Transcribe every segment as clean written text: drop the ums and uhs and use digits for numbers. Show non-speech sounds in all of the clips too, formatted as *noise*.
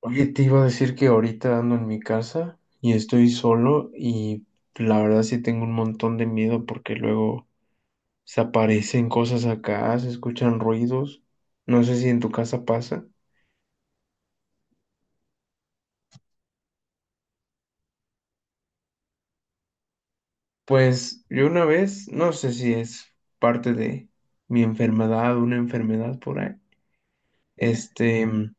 Oye, te iba a decir que ahorita ando en mi casa y estoy solo y la verdad sí tengo un montón de miedo porque luego se aparecen cosas acá, se escuchan ruidos. No sé si en tu casa pasa. Pues yo una vez, no sé si es parte de mi enfermedad, una enfermedad por ahí. Este, mm,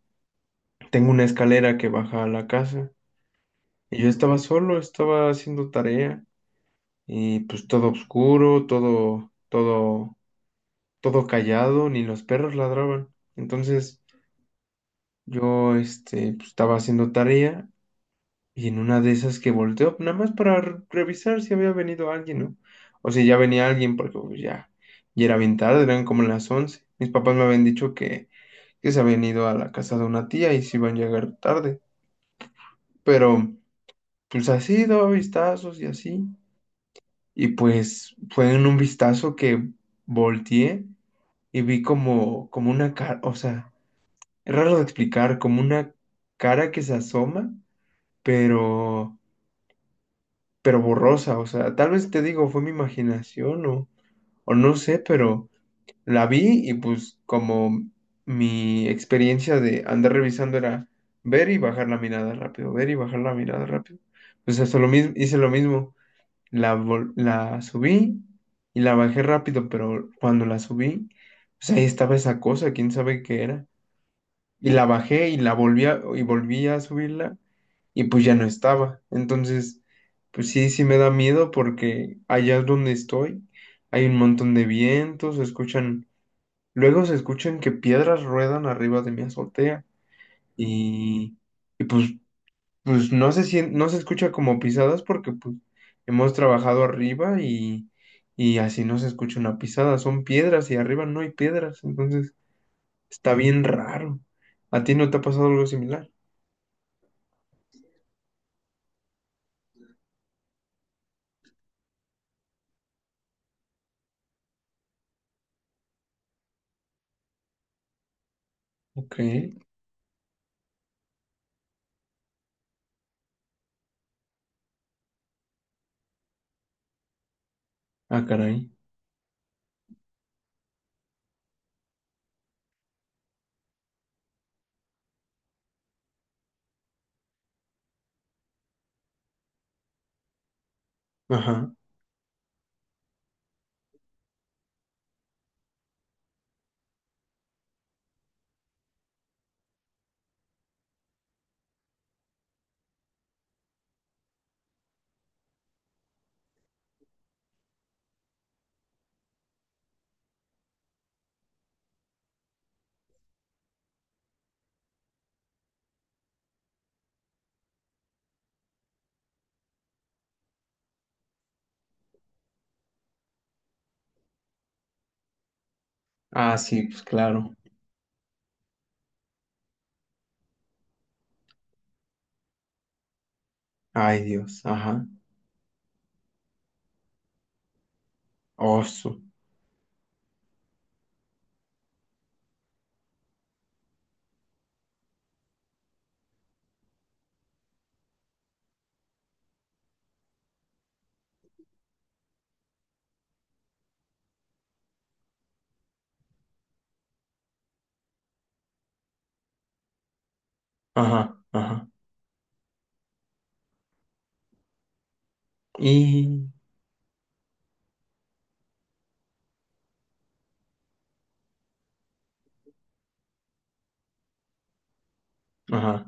Tengo una escalera que baja a la casa y yo estaba solo, estaba haciendo tarea y pues todo oscuro, todo callado, ni los perros ladraban. Entonces yo pues, estaba haciendo tarea y en una de esas que volteó, nada más para revisar si había venido alguien, ¿no? O si ya venía alguien, porque pues, ya era bien tarde, eran como las 11. Mis papás me habían dicho que se habían ido a la casa de una tía y se iban a llegar tarde. Pero pues así daba vistazos y así. Y pues fue en un vistazo que volteé y vi como una cara, o sea, es raro de explicar, como una cara que se asoma, pero, pero borrosa. O sea, tal vez te digo, fue mi imaginación o no sé, pero la vi y pues como mi experiencia de andar revisando era ver y bajar la mirada rápido, ver y bajar la mirada rápido. Pues hasta lo mismo, hice lo mismo. La subí y la bajé rápido, pero cuando la subí, pues ahí estaba esa cosa, quién sabe qué era y la bajé y volví a subirla y pues ya no estaba. Entonces, pues sí, sí me da miedo porque allá donde estoy hay un montón de vientos, se escuchan, luego se escuchan que piedras ruedan arriba de mi azotea y, y pues, pues no se escucha como pisadas porque pues hemos trabajado arriba y así no se escucha una pisada, son piedras y arriba no hay piedras, entonces está bien raro. ¿A ti no te ha pasado algo similar? Ok. Ah, caray. Ajá. Ah, sí, pues claro. Ay, Dios. Ajá. Oso. Ajá, ajá. Y. Ajá.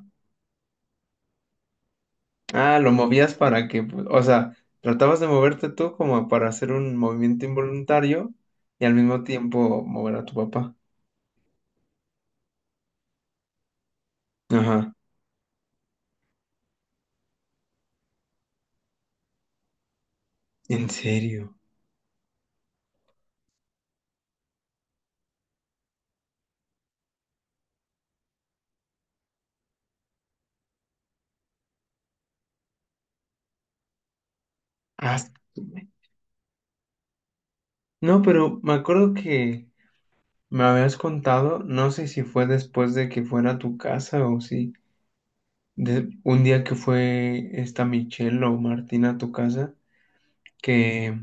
Ah, lo movías para que, pues, o sea, tratabas de moverte tú como para hacer un movimiento involuntario y al mismo tiempo mover a tu papá. Ajá. En serio. Ah, su no, pero me acuerdo que me habías contado, no sé si fue después de que fuera a tu casa o si, de un día que fue esta Michelle o Martina a tu casa, que,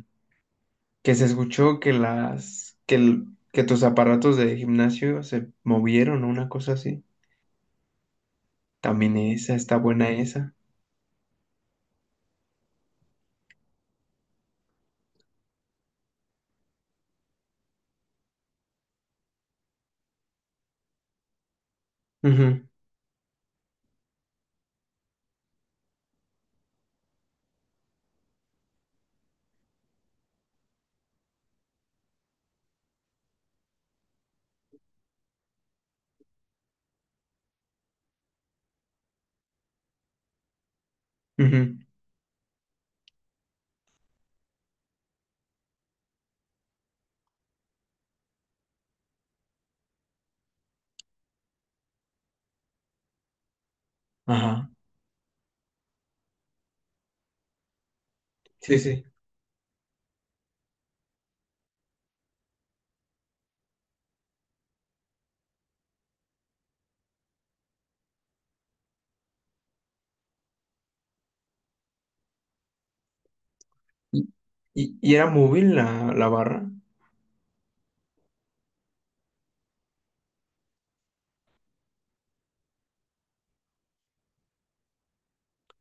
que se escuchó que que tus aparatos de gimnasio se movieron o una cosa así. También esa, está buena esa. Ujú, ujú, ajá. Sí, sí. ¿Y, y era móvil la barra?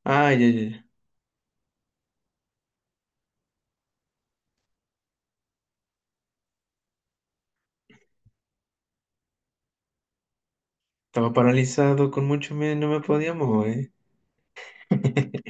Ah, ya, ya, ya. Estaba paralizado con mucho miedo, y no me podía mover. *laughs*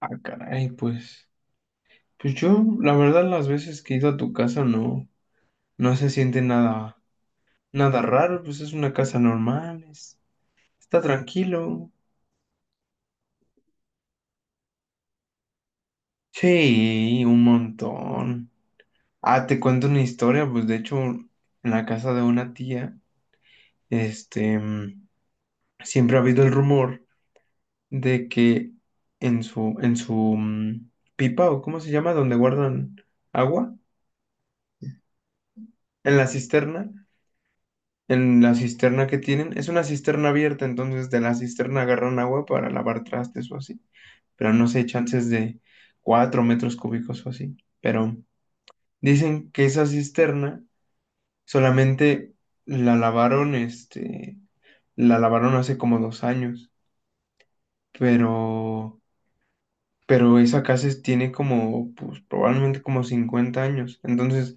Ah, caray, pues, pues yo, la verdad, las veces que he ido a tu casa no, no se siente nada, nada raro, pues es una casa normal, es- está tranquilo. Sí, un montón. Ah, te cuento una historia, pues de hecho, en la casa de una tía, este, mm, siempre ha habido el rumor de que en su pipa, o cómo se llama, donde guardan agua, en la cisterna, en la cisterna que tienen, es una cisterna abierta, entonces de la cisterna agarran agua para lavar trastes o así, pero no sé, chances de 4 metros cúbicos o así. Pero dicen que esa cisterna solamente la lavaron, la lavaron hace como 2 años, pero, pero esa casa es- tiene como, pues probablemente como 50 años. Entonces,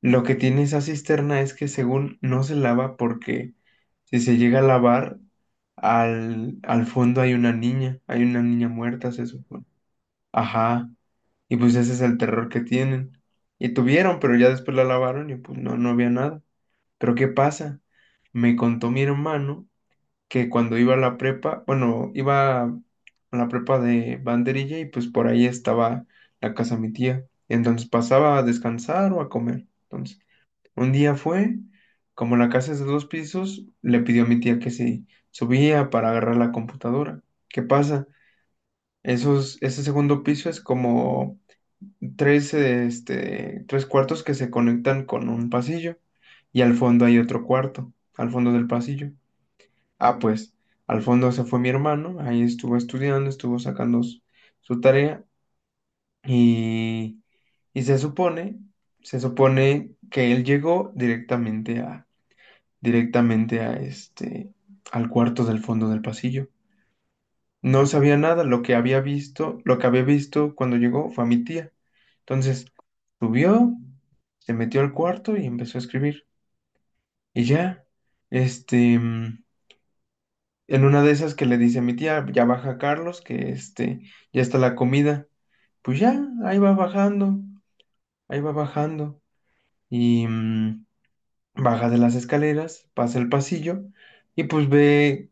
lo que tiene esa cisterna es que según no se lava porque si se llega a lavar, al fondo hay una niña muerta, se supone. Ajá. Y pues ese es el terror que tienen. Y tuvieron, pero ya después la lavaron y pues no, no había nada. Pero ¿qué pasa? Me contó mi hermano que cuando iba a la prepa, bueno, iba a la prepa de Banderilla y pues por ahí estaba la casa de mi tía. Entonces pasaba a descansar o a comer. Entonces, un día fue, como la casa es de dos pisos, le pidió a mi tía que se subía para agarrar la computadora. ¿Qué pasa? Esos, ese segundo piso es como tres, tres cuartos que se conectan con un pasillo y al fondo hay otro cuarto, al fondo del pasillo. Ah, pues al fondo se fue mi hermano, ahí estuvo estudiando, estuvo sacando su tarea y, y se supone que él llegó directamente directamente a al cuarto del fondo del pasillo. No sabía nada, lo que había visto, lo que había visto cuando llegó fue a mi tía. Entonces, subió, se metió al cuarto y empezó a escribir. Y ya, este, mm, en una de esas que le dice a mi tía, ya baja Carlos, que ya está la comida. Pues ya, ahí va bajando, ahí va bajando. Y baja de las escaleras, pasa el pasillo y pues ve,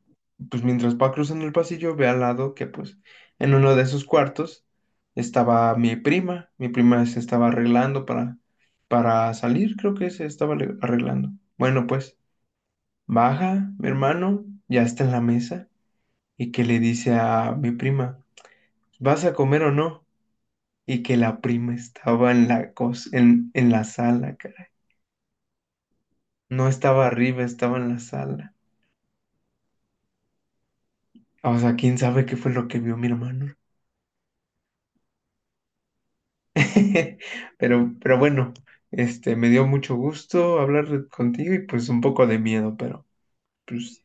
pues mientras va cruzando el pasillo, ve al lado que pues en uno de esos cuartos estaba mi prima se estaba arreglando para salir, creo que se estaba arreglando. Bueno, pues baja, mi hermano, ya está en la mesa y que le dice a mi prima, ¿vas a comer o no? Y que la prima estaba en en la sala, caray. No estaba arriba, estaba en la sala. O sea, quién sabe qué fue lo que vio mi hermano. *laughs* Pero bueno, me dio mucho gusto hablar contigo y pues un poco de miedo, pero pues